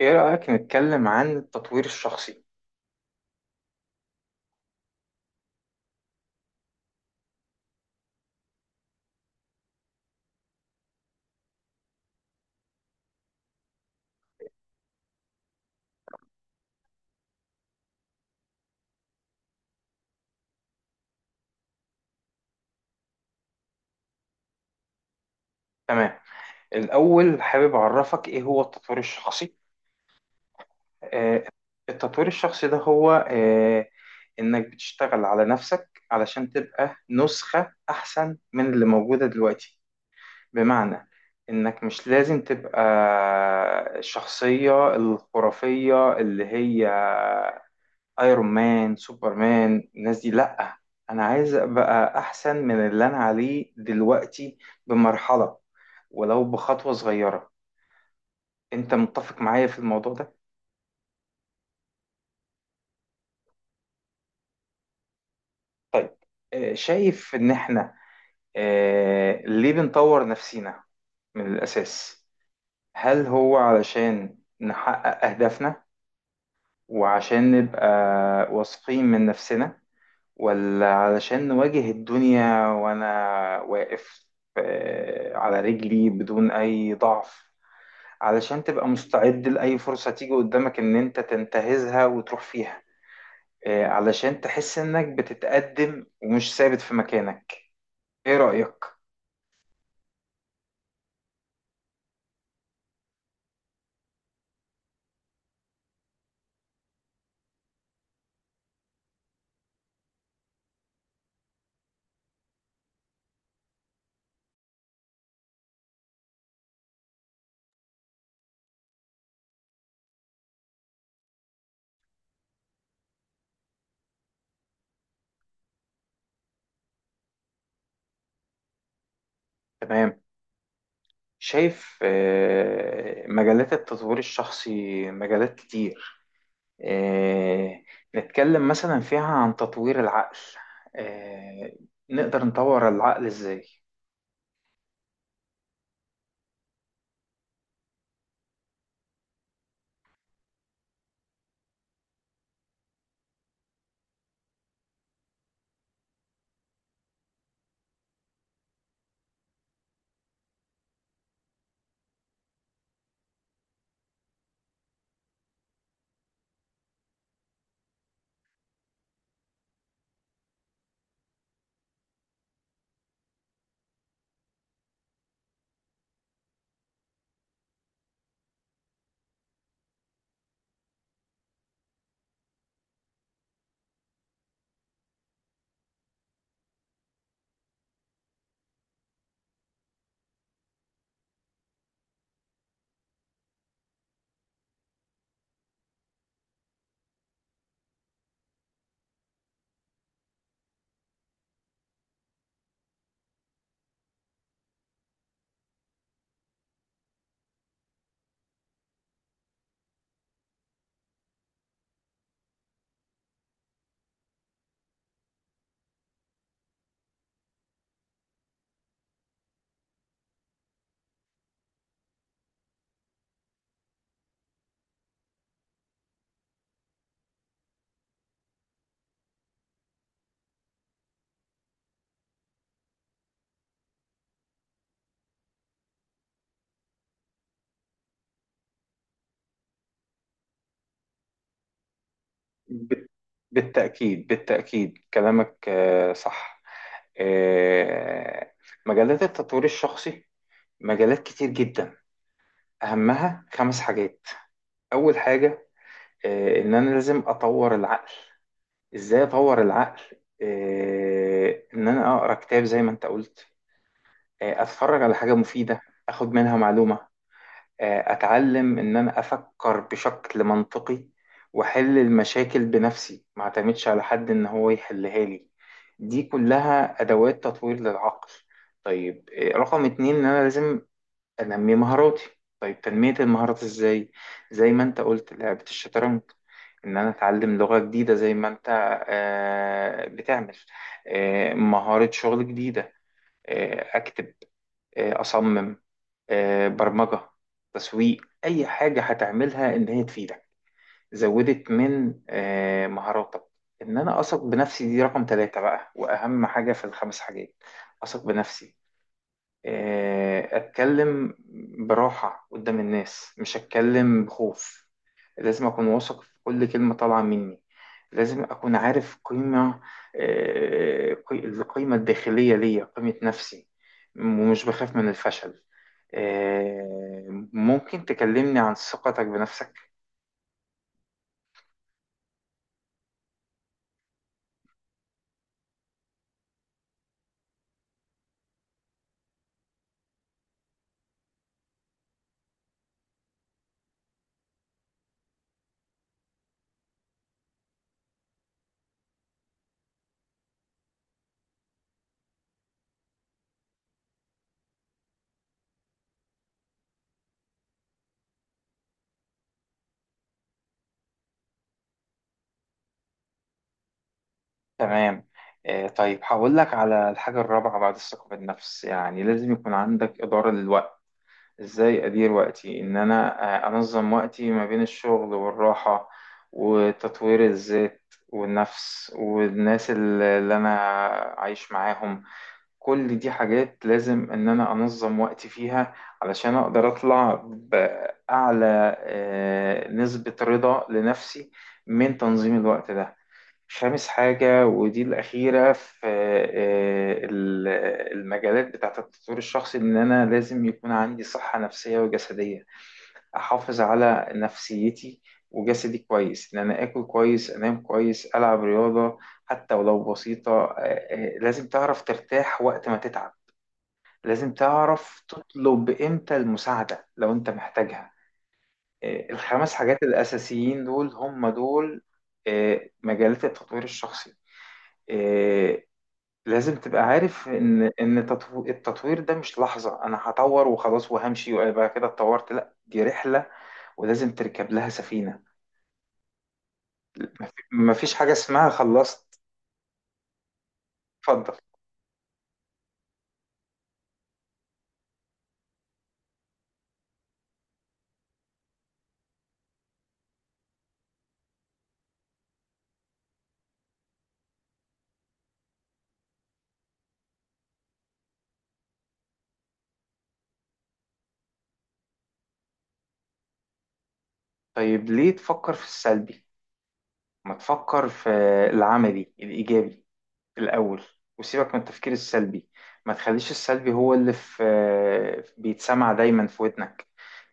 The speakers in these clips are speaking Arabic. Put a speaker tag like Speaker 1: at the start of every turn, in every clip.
Speaker 1: ايه رأيك نتكلم عن التطوير الشخصي؟ تمام. الأول حابب أعرفك ايه هو التطوير الشخصي. آه، التطوير الشخصي ده هو إنك بتشتغل على نفسك علشان تبقى نسخة أحسن من اللي موجودة دلوقتي. بمعنى إنك مش لازم تبقى الشخصية الخرافية اللي هي ايرون مان سوبرمان. الناس دي لا، انا عايز ابقى احسن من اللي انا عليه دلوقتي بمرحلة، ولو بخطوة صغيرة. انت متفق معايا في الموضوع ده؟ طيب. شايف ان احنا، ليه بنطور نفسينا من الاساس؟ هل هو علشان نحقق اهدافنا، وعشان نبقى واثقين من نفسنا، ولا علشان نواجه الدنيا وأنا واقف على رجلي بدون أي ضعف؟ علشان تبقى مستعد لأي فرصة تيجي قدامك إن أنت تنتهزها وتروح فيها. علشان تحس إنك بتتقدم ومش ثابت في مكانك. إيه رأيك؟ تمام. شايف مجالات التطوير الشخصي مجالات كتير. آه، نتكلم مثلا فيها عن تطوير العقل. آه، نقدر نطور العقل إزاي؟ بت- بالتأكيد بالتأكيد كلامك صح. آه، مجالات التطوير الشخصي مجالات كتير جدا. أهمها 5 حاجات. أول حاجة، إن أنا لازم أطور العقل. إزاي أطور العقل؟ إن أنا أقرأ كتاب زي ما أنت قلت، أتفرج على حاجة مفيدة، أخد منها معلومة، اتعلم ان انا افكر بشكل منطقي واحل المشاكل بنفسي، ما اعتمدش على حد ان هو يحلها لي. دي كلها ادوات تطوير للعقل. طيب، رقم 2 ان انا لازم انمي مهاراتي. طيب، تنمية المهارات ازاي؟ زي ما انت قلت لعبة الشطرنج، ان انا اتعلم لغة جديدة زي ما انت بتعمل، مهارة شغل جديدة، اكتب، اصمم، برمجة، تسويق. أي حاجة هتعملها إن هي تفيدك، زودت من مهاراتك. إن أنا أثق بنفسي دي رقم 3 بقى، وأهم حاجة في الخمس حاجات. أثق بنفسي، اتكلم براحة قدام الناس، مش اتكلم بخوف. لازم اكون واثق في كل كلمة طالعة مني. لازم اكون عارف قيمة، القيمة الداخلية ليا، قيمة نفسي، ومش بخاف من الفشل. ممكن تكلمني عن ثقتك بنفسك؟ تمام. طيب هقول لك على الحاجة الرابعة بعد الثقة بالنفس. يعني لازم يكون عندك إدارة للوقت. ازاي ادير وقتي؟ ان انا انظم وقتي ما بين الشغل والراحة وتطوير الذات والنفس والناس اللي انا عايش معاهم. كل دي حاجات لازم ان انا انظم وقتي فيها علشان اقدر اطلع باعلى نسبة رضا لنفسي من تنظيم الوقت ده. خامس حاجة ودي الأخيرة في المجالات بتاعة التطوير الشخصي، إن أنا لازم يكون عندي صحة نفسية وجسدية. أحافظ على نفسيتي وجسدي كويس، إن أنا آكل كويس، أنام كويس، ألعب رياضة حتى ولو بسيطة. لازم تعرف ترتاح وقت ما تتعب. لازم تعرف تطلب إمتى المساعدة لو أنت محتاجها. الخمس حاجات الأساسيين دول هم دول مجالات التطوير الشخصي. آه، لازم تبقى عارف ان التطوير ده مش لحظة انا هطور وخلاص وهمشي ويبقى كده اتطورت. لا، دي رحلة ولازم تركب لها سفينة. مفيش حاجة اسمها خلصت. اتفضل. طيب، ليه تفكر في السلبي؟ ما تفكر في العملي الايجابي الأول، وسيبك من التفكير السلبي. ما تخليش السلبي هو اللي في بيتسمع دايما في ودنك.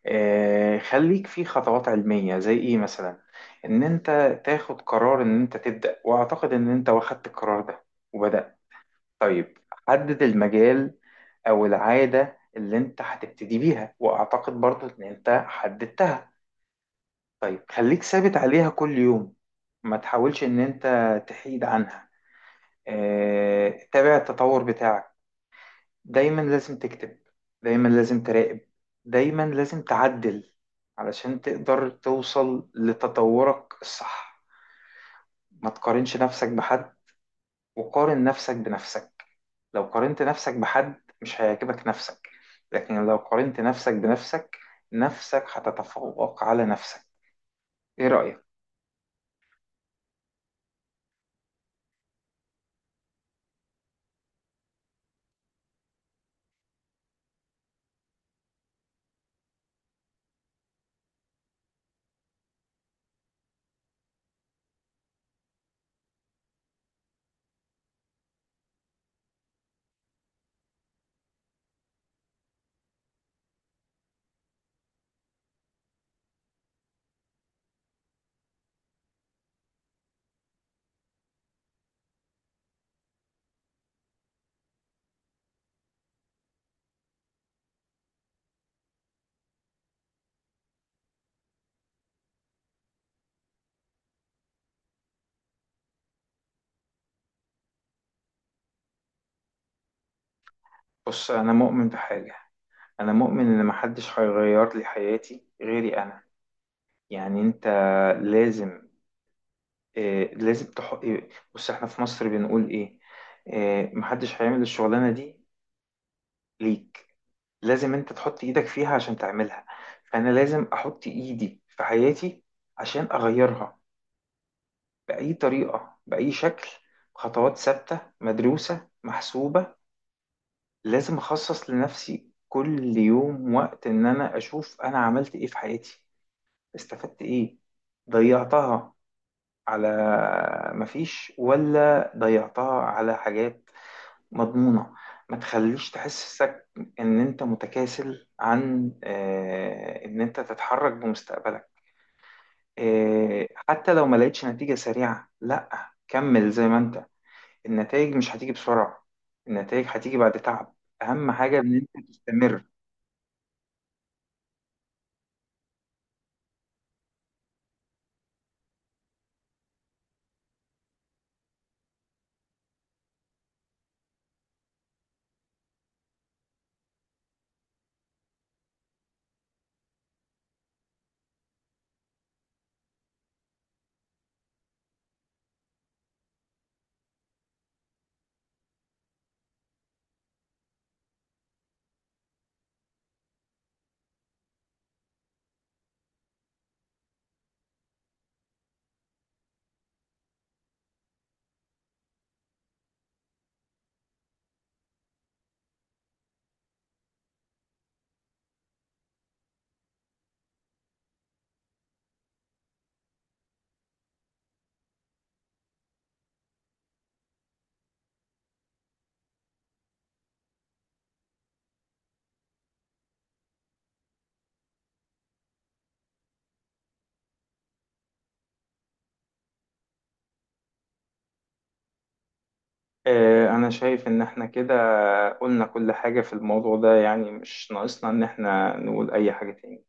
Speaker 1: خليك في خطوات علمية. زي إيه مثلا؟ إن أنت تاخد قرار إن أنت تبدأ، وأعتقد إن أنت واخدت القرار ده وبدأت. طيب، حدد المجال أو العادة اللي أنت هتبتدي بيها، وأعتقد برضو إن أنت حددتها. طيب خليك ثابت عليها كل يوم. ما تحاولش إن أنت تحيد عنها. تابع التطور بتاعك. دايما لازم تكتب، دايما لازم تراقب، دايما لازم تعدل علشان تقدر توصل لتطورك الصح. ما تقارنش نفسك بحد، وقارن نفسك بنفسك. لو قارنت نفسك بحد مش هيعجبك نفسك، لكن لو قارنت نفسك بنفسك نفسك هتتفوق على نفسك. ايه رأيك؟ بص، انا مؤمن بحاجة. انا مؤمن ان محدش هيغير لي حياتي غيري انا. يعني انت لازم آه، لازم تح... آه، بص احنا في مصر بنقول ايه؟ محدش هيعمل الشغلانة دي ليك. لازم انت تحط ايدك فيها عشان تعملها. فانا لازم احط ايدي في حياتي عشان اغيرها بأي طريقة، بأي شكل. خطوات ثابتة مدروسة محسوبة. لازم اخصص لنفسي كل يوم وقت ان انا اشوف انا عملت ايه في حياتي، استفدت ايه، ضيعتها على مفيش، ولا ضيعتها على حاجات مضمونة. ما تخليش تحسسك إن أنت متكاسل عن إن أنت تتحرك بمستقبلك. حتى لو ما لقيتش نتيجة سريعة، لأ كمل زي ما أنت. النتائج مش هتيجي بسرعة، النتائج هتيجي بعد تعب. أهم حاجة إن أنت تستمر. أنا شايف إن إحنا كده قلنا كل حاجة في الموضوع ده، يعني مش ناقصنا إن إحنا نقول أي حاجة تاني.